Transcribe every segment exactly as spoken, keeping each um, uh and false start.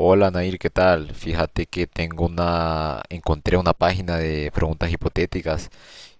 Hola Nair, ¿qué tal? Fíjate que tengo una, encontré una página de preguntas hipotéticas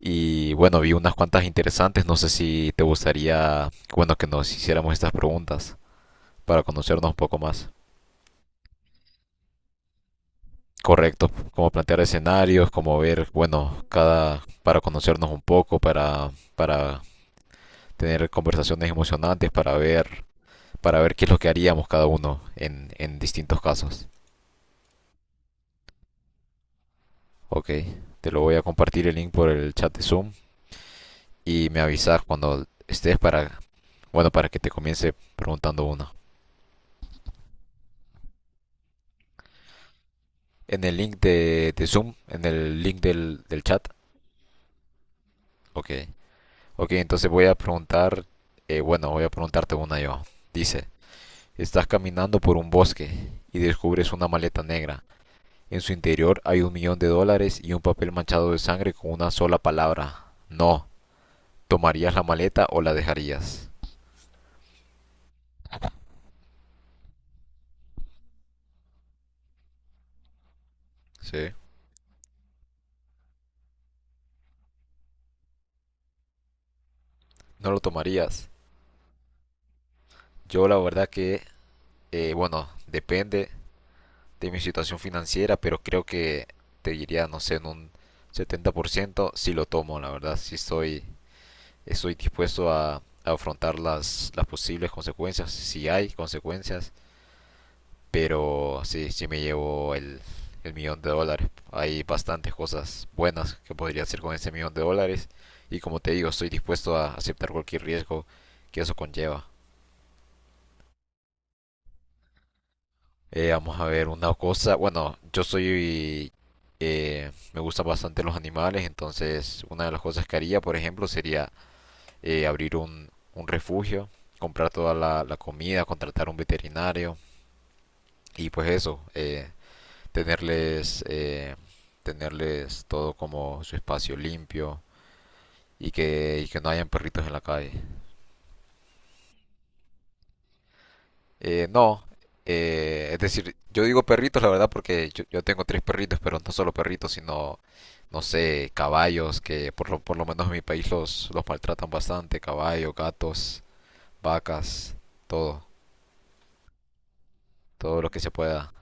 y bueno, vi unas cuantas interesantes. No sé si te gustaría, bueno, que nos hiciéramos estas preguntas para conocernos un poco más. Correcto, como plantear escenarios, como ver, bueno, cada, para conocernos un poco, para, para tener conversaciones emocionantes, para ver, para ver qué es lo que haríamos cada uno en, en distintos casos. Ok, te lo voy a compartir el link por el chat de Zoom. Y me avisas cuando estés para, bueno, para que te comience preguntando uno. En el link de, de Zoom, en el link del, del chat. Ok. Ok, entonces voy a preguntar, eh, bueno, voy a preguntarte una yo. Dice, estás caminando por un bosque y descubres una maleta negra. En su interior hay un millón de dólares y un papel manchado de sangre con una sola palabra. No. ¿Tomarías la maleta o la dejarías? Sí. No lo tomarías. Yo la verdad que, eh, bueno, depende de mi situación financiera, pero creo que te diría, no sé, en un setenta por ciento si lo tomo, la verdad, si estoy, estoy dispuesto a, a afrontar las, las posibles consecuencias, si hay consecuencias, pero sí, sí me llevo el, el millón de dólares. Hay bastantes cosas buenas que podría hacer con ese millón de dólares y como te digo, estoy dispuesto a aceptar cualquier riesgo que eso conlleva. Eh, vamos a ver una cosa. Bueno, yo soy... eh, me gustan bastante los animales, entonces una de las cosas que haría, por ejemplo, sería eh, abrir un, un refugio, comprar toda la, la comida, contratar un veterinario y pues eso, eh, tenerles, eh, tenerles todo como su espacio limpio y que, y que no hayan perritos en la calle. Eh, no, eh, es decir, yo digo perritos, la verdad, porque yo, yo tengo tres perritos, pero no solo perritos, sino, no sé, caballos, que por lo, por lo menos en mi país los, los maltratan bastante, caballos, gatos, vacas, todo, todo lo que se pueda.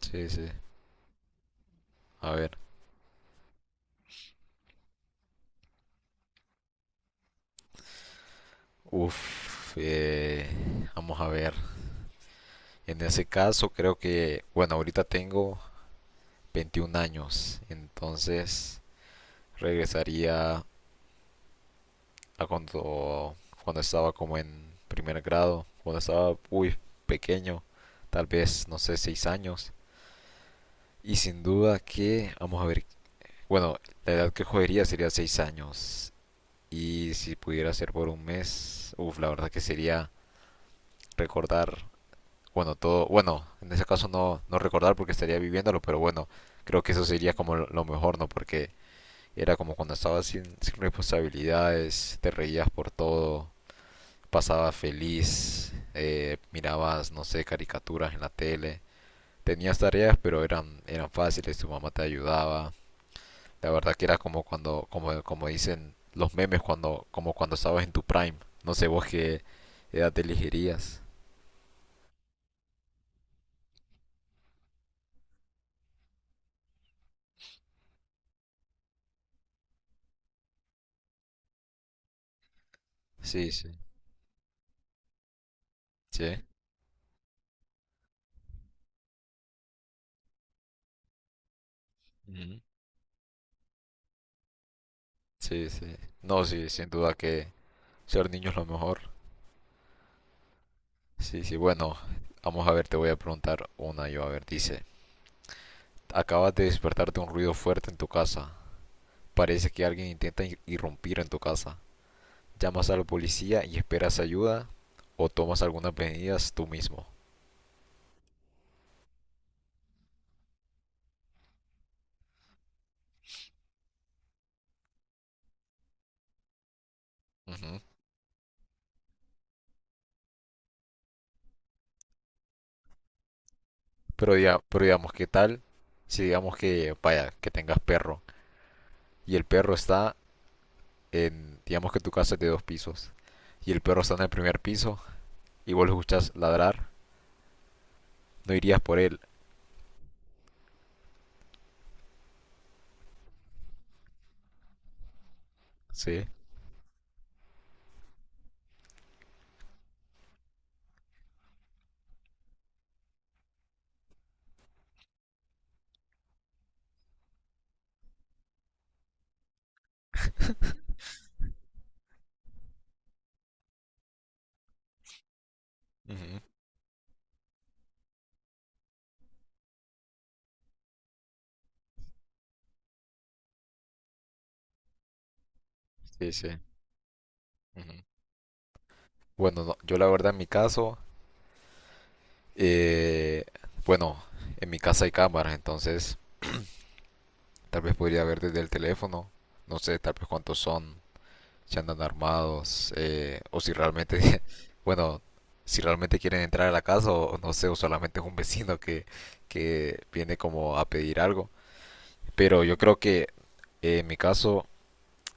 Sí, sí. A ver, uff, vamos a ver. En ese caso, creo que, bueno, ahorita tengo veintiún años, entonces regresaría a cuando, cuando estaba como en primer grado, cuando estaba muy pequeño, tal vez, no sé, seis años. Y sin duda que, vamos a ver, bueno, la edad que jodería sería seis años. Y si pudiera ser por un mes, uff, la verdad que sería recordar, bueno, todo, bueno, en ese caso no, no recordar porque estaría viviéndolo, pero bueno, creo que eso sería como lo lo mejor, ¿no? Porque era como cuando estabas sin, sin responsabilidades, te reías por todo, pasaba feliz, eh, mirabas, no sé, caricaturas en la tele, tenías tareas, pero eran, eran fáciles, tu mamá te ayudaba. La verdad que era como cuando, como, como dicen los memes, cuando, como cuando estabas en tu prime. No sé vos qué edad te elegirías. Sí, sí. Sí. Ujú. Sí, sí. No, sí, sin duda que ser niño es lo mejor. Sí, sí. Bueno, vamos a ver, te voy a preguntar una yo. A ver, dice, acabas de despertar de un ruido fuerte en tu casa. Parece que alguien intenta irrumpir en tu casa. Llamas a la policía y esperas ayuda o tomas algunas medidas tú mismo. Ujú. Pero, diga- pero digamos, ¿qué tal si digamos que, vaya, que tengas perro y el perro está en, digamos que tu casa es de dos pisos y el perro está en el primer piso y vos lo escuchas ladrar, no irías por él, ¿sí? Ujú. Sí, sí. Ujú. Bueno, no, yo la verdad en mi caso, eh, bueno, en mi casa hay cámaras, entonces tal vez podría ver desde el teléfono. No sé, tal vez cuántos son, si andan armados, eh, o si realmente, bueno, si realmente quieren entrar a la casa, o no sé, o solamente es un vecino que, que viene como a pedir algo. Pero yo creo que eh, en mi caso,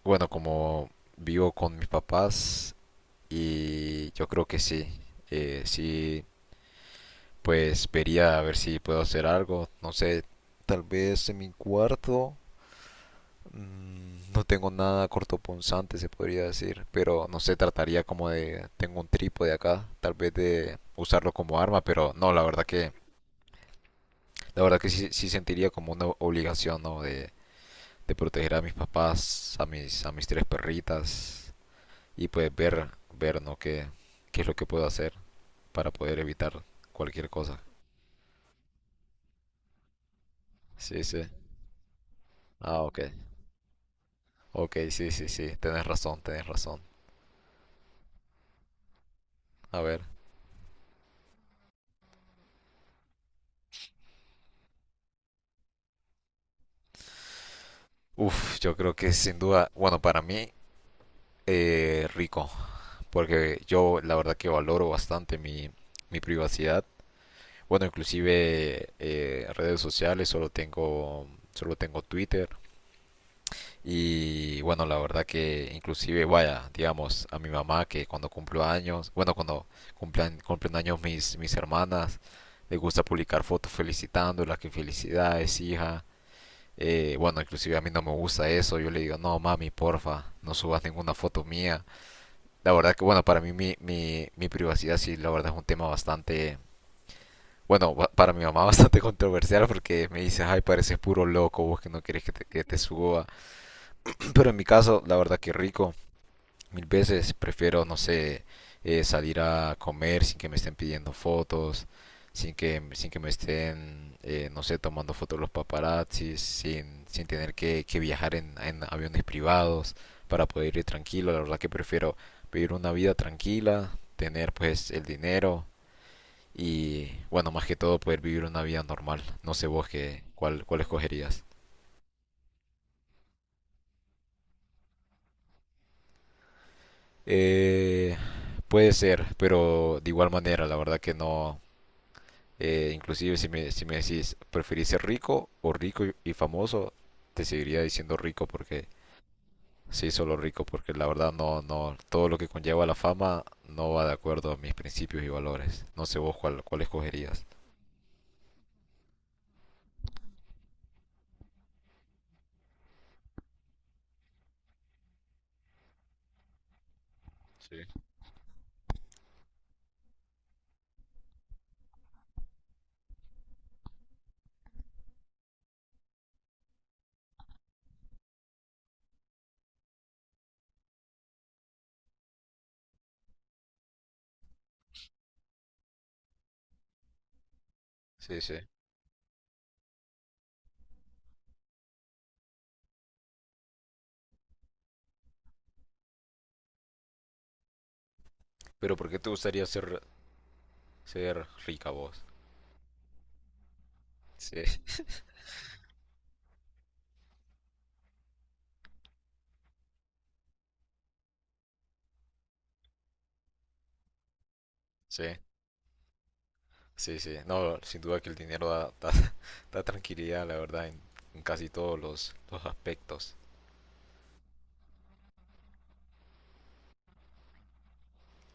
bueno, como vivo con mis papás, y yo creo que sí, eh, sí, pues vería a ver si puedo hacer algo, no sé, tal vez en mi cuarto. Mm, No tengo nada cortopunzante, se podría decir, pero no sé, trataría como de, tengo un trípode acá, tal vez de usarlo como arma, pero no, la verdad que, la verdad que sí, sí sentiría como una obligación, ¿no? De, de proteger a mis papás, a mis, a mis tres perritas y pues ver, ver, ¿no? Qué, qué es lo que puedo hacer para poder evitar cualquier cosa. Sí, sí. Ah, ok. Ok, sí, sí, sí. Tenés razón, tenés razón. A ver. Uf, yo creo que sin duda, bueno, para mí eh, rico, porque yo la verdad que valoro bastante mi, mi privacidad. Bueno, inclusive eh, redes sociales, solo tengo, solo tengo Twitter. Y bueno, la verdad que inclusive, vaya, digamos, a mi mamá que cuando cumplo años, bueno, cuando cumplan, cumplen años mis, mis hermanas, le gusta publicar fotos felicitándolas, que felicidades, hija. Eh, bueno, inclusive a mí no me gusta eso, yo le digo, no, mami, porfa, no subas ninguna foto mía. La verdad que, bueno, para mí mi, mi, mi privacidad sí, la verdad es un tema bastante, bueno, ba- para mi mamá bastante controversial porque me dice, ay, pareces puro loco, vos que no querés que te, que te suba. Pero en mi caso, la verdad que rico. Mil veces prefiero, no sé, eh, salir a comer sin que me estén pidiendo fotos, sin que, sin que me estén, eh, no sé, tomando fotos los paparazzis, sin, sin tener que, que viajar en, en aviones privados para poder ir tranquilo. La verdad que prefiero vivir una vida tranquila, tener pues el dinero y, bueno, más que todo poder vivir una vida normal. No sé vos qué, cuál, cuál escogerías. Eh, Puede ser, pero de igual manera, la verdad que no. Eh, inclusive si me, si me decís, ¿preferís ser rico o rico y, y famoso? Te seguiría diciendo rico porque sí, solo rico, porque la verdad no, no, todo lo que conlleva la fama no va de acuerdo a mis principios y valores. No sé vos cuál, cuál escogerías. Sí. Sí, sí. Pero ¿por qué te gustaría ser, ser rica vos? Sí, sí, sí, sí. No, sin duda que el dinero da, da, da tranquilidad, la verdad, en, en casi todos los, los aspectos.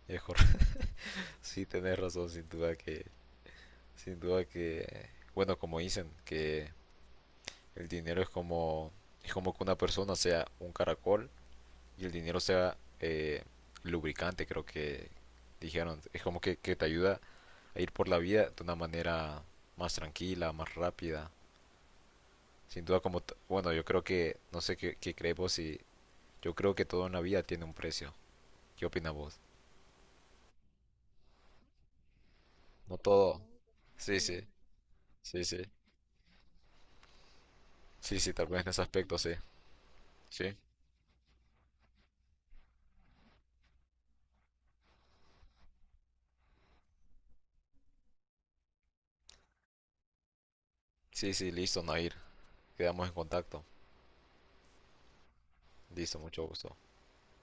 Es cor- Sí, tenés razón, sin duda que. Sin duda que, bueno, como dicen, que el dinero es como, es como que una persona sea un caracol y el dinero sea eh, lubricante, creo que dijeron. Es como que, que te ayuda a ir por la vida de una manera más tranquila, más rápida. Sin duda, como, t- bueno, yo creo que, no sé qué, qué crees vos y yo creo que todo en la vida tiene un precio. ¿Qué opinas vos? No todo. Sí, sí, sí, sí. Sí, sí, tal vez en ese aspecto, sí. Sí, sí, sí, listo, Nair. Quedamos en contacto. Listo, mucho gusto.